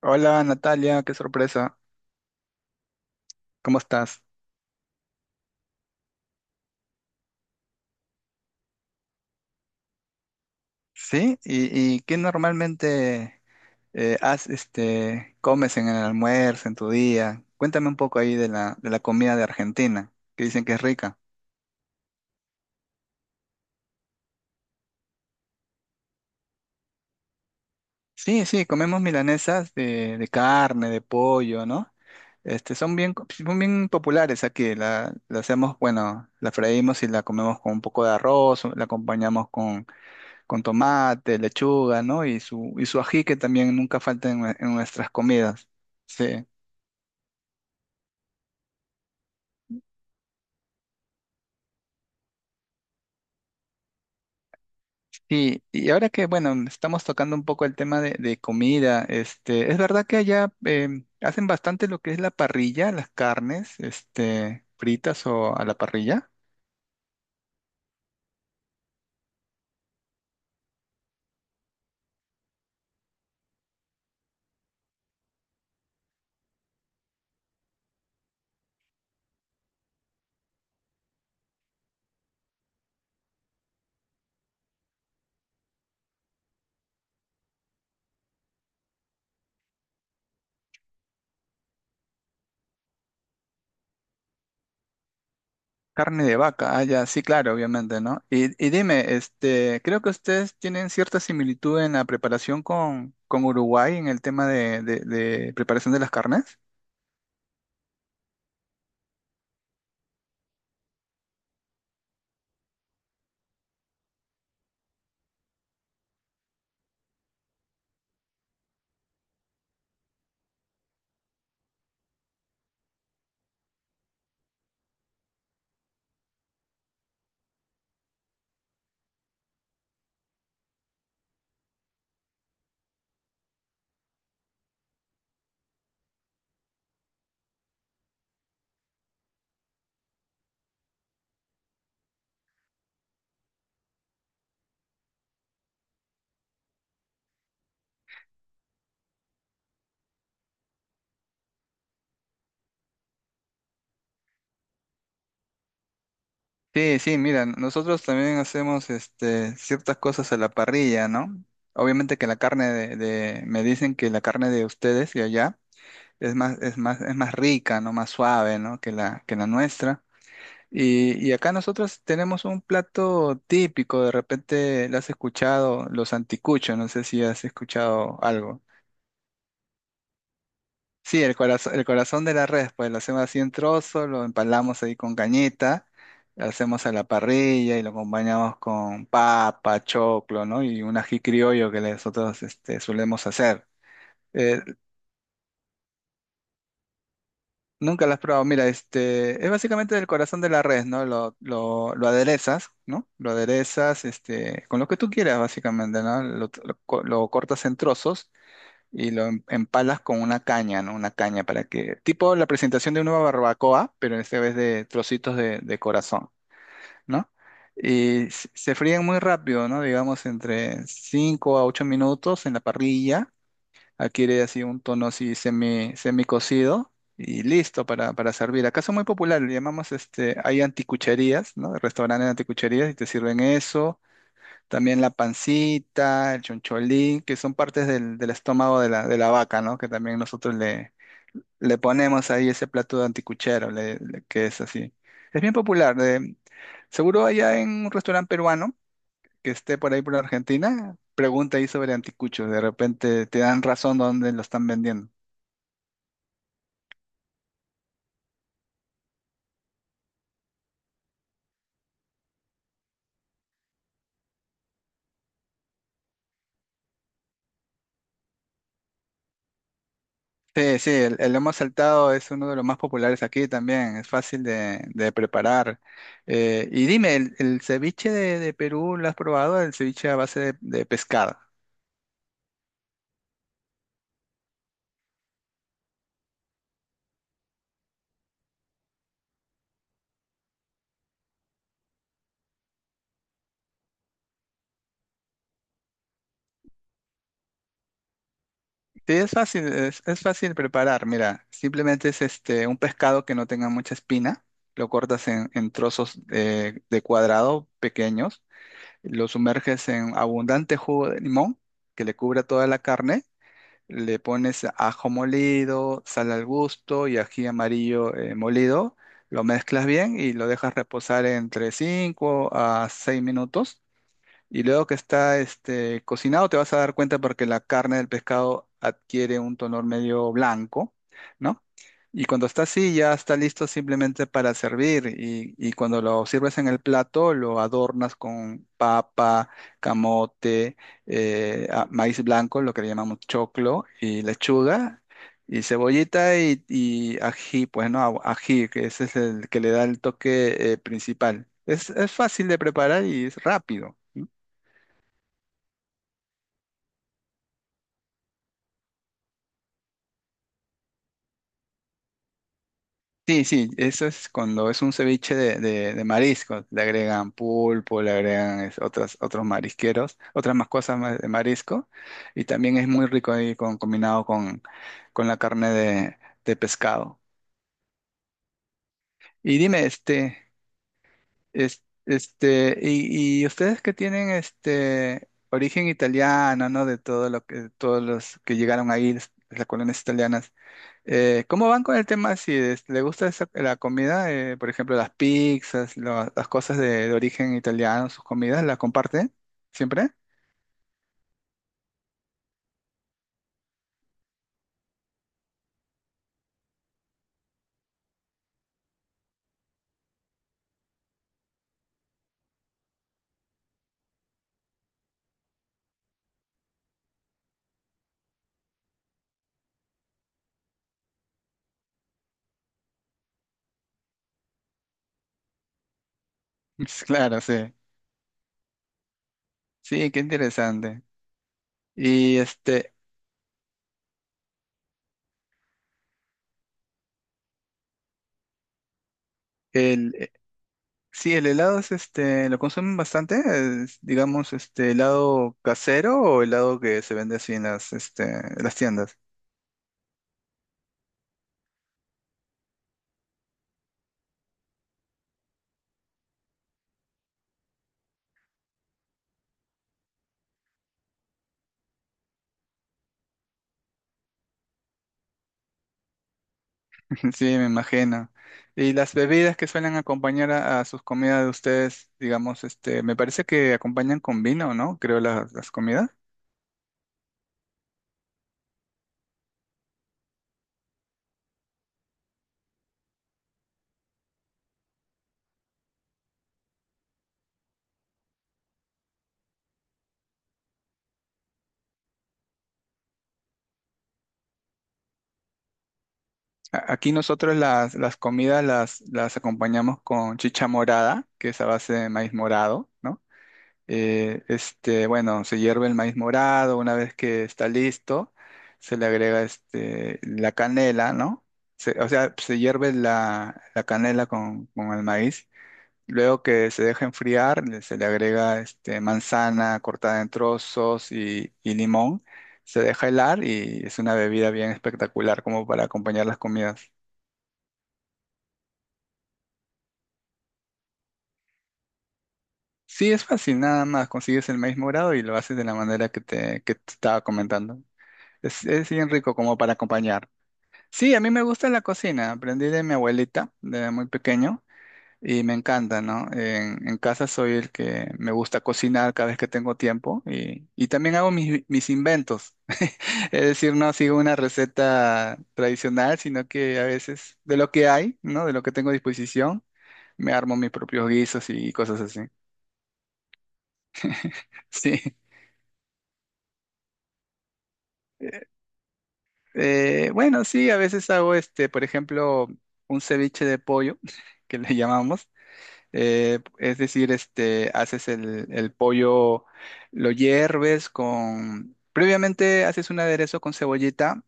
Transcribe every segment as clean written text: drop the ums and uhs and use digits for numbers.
Hola Natalia, qué sorpresa, ¿cómo estás? ¿Sí? Y qué normalmente has, comes en el almuerzo, en tu día? Cuéntame un poco ahí de de la comida de Argentina, que dicen que es rica. Sí, sí, comemos milanesas de carne, de pollo, ¿no? Este, son bien, son bien populares aquí, la hacemos, bueno, la freímos y la comemos con un poco de arroz, la acompañamos con tomate, lechuga, ¿no? Y su ají que también nunca falta en, en nuestras comidas. Sí. Y ahora que, bueno, estamos tocando un poco el tema de comida, este, es verdad que allá hacen bastante lo que es la parrilla, las carnes, este, fritas o a la parrilla. Carne de vaca, ah, ya, sí, claro, obviamente, ¿no? Y dime, este, creo que ustedes tienen cierta similitud en la preparación con Uruguay en el tema de de preparación de las carnes. Sí, sí, mira, nosotros también hacemos este, ciertas cosas a la parrilla, ¿no? Obviamente que la carne de- me dicen que la carne de ustedes y allá es más, es más, es más rica, ¿no? Más suave, ¿no? Que que la nuestra. Y acá nosotros tenemos un plato típico, de repente lo has escuchado, los anticuchos, no sé si has escuchado algo. Sí, el corazón de la red, pues lo hacemos así en trozo, lo empalamos ahí con cañita, lo hacemos a la parrilla y lo acompañamos con papa, choclo, ¿no? Y un ají criollo que nosotros este, solemos hacer. Eh, Nunca lo has probado. Mira, este, es básicamente el corazón de la res, ¿no? Lo aderezas, ¿no? Lo aderezas, este, con lo que tú quieras, básicamente, ¿no? Lo, lo cortas en trozos y lo empalas con una caña, ¿no? Una caña para que, tipo la presentación de una barbacoa, pero esta vez de trocitos de corazón, ¿no? Y se fríen muy rápido, ¿no? Digamos entre 5 a 8 minutos en la parrilla, adquiere así un tono así semi cocido y listo para servir. Acá son muy populares, le llamamos este, hay anticucherías, ¿no? Restaurantes de anticucherías y te sirven eso también la pancita, el choncholín, que son partes del, del estómago de de la vaca, ¿no? Que también nosotros le, le ponemos ahí ese plato de anticuchero, que es así. Es bien popular. Seguro allá en un restaurante peruano que esté por ahí por Argentina, pregunta ahí sobre anticuchos. De repente te dan razón dónde lo están vendiendo. Sí, sí, el lomo saltado es uno de los más populares aquí también, es fácil de preparar. Y dime, el ceviche de Perú lo has probado? El ceviche a base de pescado. Sí, es fácil preparar. Mira, simplemente es este, un pescado que no tenga mucha espina, lo cortas en trozos de cuadrado pequeños, lo sumerges en abundante jugo de limón que le cubra toda la carne, le pones ajo molido, sal al gusto y ají amarillo molido, lo mezclas bien y lo dejas reposar entre 5 a 6 minutos y luego que está este, cocinado, te vas a dar cuenta porque la carne del pescado adquiere un tono medio blanco, ¿no? Y cuando está así, ya está listo simplemente para servir. Y cuando lo sirves en el plato, lo adornas con papa, camote, maíz blanco, lo que le llamamos choclo, y lechuga, y cebollita y ají, pues no, ají, que ese es el que le da el toque principal. Es fácil de preparar y es rápido. Sí, sí, eso es cuando es un ceviche de mariscos. Le agregan pulpo, le agregan otras, otros marisqueros, otras más cosas más de marisco. Y también es muy rico ahí con, combinado con la carne de pescado. Y dime, este, este, y ustedes que tienen este origen italiano, ¿no? De todo lo que, todos los que llegaron ahí, las colonias italianas. ¿Cómo van con el tema? Si le gusta la comida, por ejemplo, las pizzas, las cosas de origen italiano, sus comidas, ¿las comparten siempre? Claro, sí. Sí, qué interesante. Y este, el, sí, el helado es este, ¿lo consumen bastante? Es, digamos, este, helado casero o helado que se vende así en las, este, en las tiendas. Sí, me imagino. Y las bebidas que suelen acompañar a sus comidas de ustedes, digamos, este, me parece que acompañan con vino, ¿no? Creo las comidas. Aquí nosotros las comidas las acompañamos con chicha morada, que es a base de maíz morado, ¿no? Este, bueno, se hierve el maíz morado, una vez que está listo, se le agrega este, la canela, ¿no? O sea, se hierve la, la canela con el maíz. Luego que se deja enfriar, se le agrega este, manzana cortada en trozos y limón. Se deja helar y es una bebida bien espectacular como para acompañar las comidas. Sí, es fácil, nada más consigues el maíz morado y lo haces de la manera que te estaba comentando. Es bien rico como para acompañar. Sí, a mí me gusta la cocina, aprendí de mi abuelita de muy pequeño y me encanta, ¿no? En casa soy el que me gusta cocinar cada vez que tengo tiempo y también hago mis, mis inventos. Es decir, no sigo una receta tradicional, sino que a veces de lo que hay, ¿no? De lo que tengo a disposición, me armo mis propios guisos y cosas así. Sí. Bueno, sí, a veces hago este, por ejemplo, un ceviche de pollo, que le llamamos. Es decir, este, haces el pollo, lo hierves con... Previamente haces un aderezo con cebollita,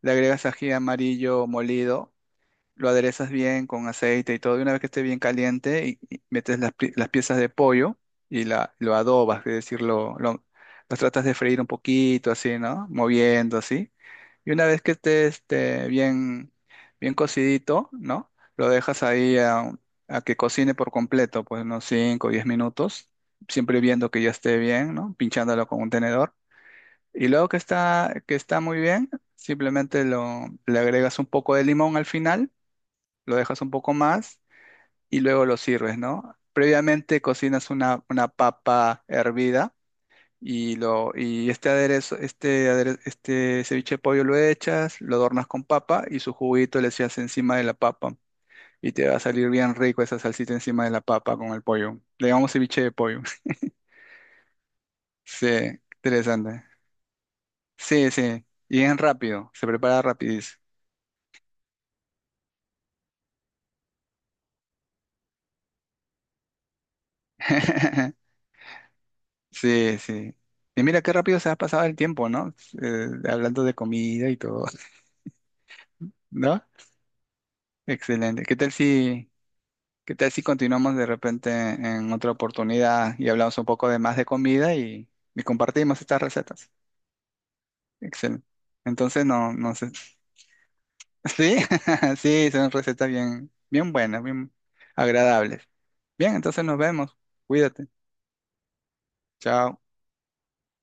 le agregas ají amarillo molido, lo aderezas bien con aceite y todo, y una vez que esté bien caliente, y metes las, las piezas de pollo y la, lo adobas, es decir, lo, las tratas de freír un poquito, así, ¿no? Moviendo, así. Y una vez que esté este, bien, bien cocidito, ¿no? Lo dejas ahí a que cocine por completo, pues unos 5 o 10 minutos, siempre viendo que ya esté bien, ¿no? Pinchándolo con un tenedor. Y luego que está muy bien, simplemente lo, le agregas un poco de limón al final, lo dejas un poco más y luego lo sirves, ¿no? Previamente cocinas una papa hervida y, lo, y este aderezo, este, este ceviche de pollo lo echas, lo adornas con papa y su juguito le echas encima de la papa. Y te va a salir bien rico esa salsita encima de la papa con el pollo. Le llamamos ceviche de pollo. Sí, interesante. Sí, sí. Y es rápido, se prepara rapidísimo. Sí, sí. Y mira qué rápido se ha pasado el tiempo, ¿no? Hablando de comida y todo. ¿No? Excelente. Qué tal si continuamos de repente en otra oportunidad y hablamos un poco de más de comida y compartimos estas recetas? Excelente. Entonces, no, no sé. Sí, sí, son recetas bien, bien buenas, bien agradables. Bien, entonces nos vemos. Cuídate. Chao.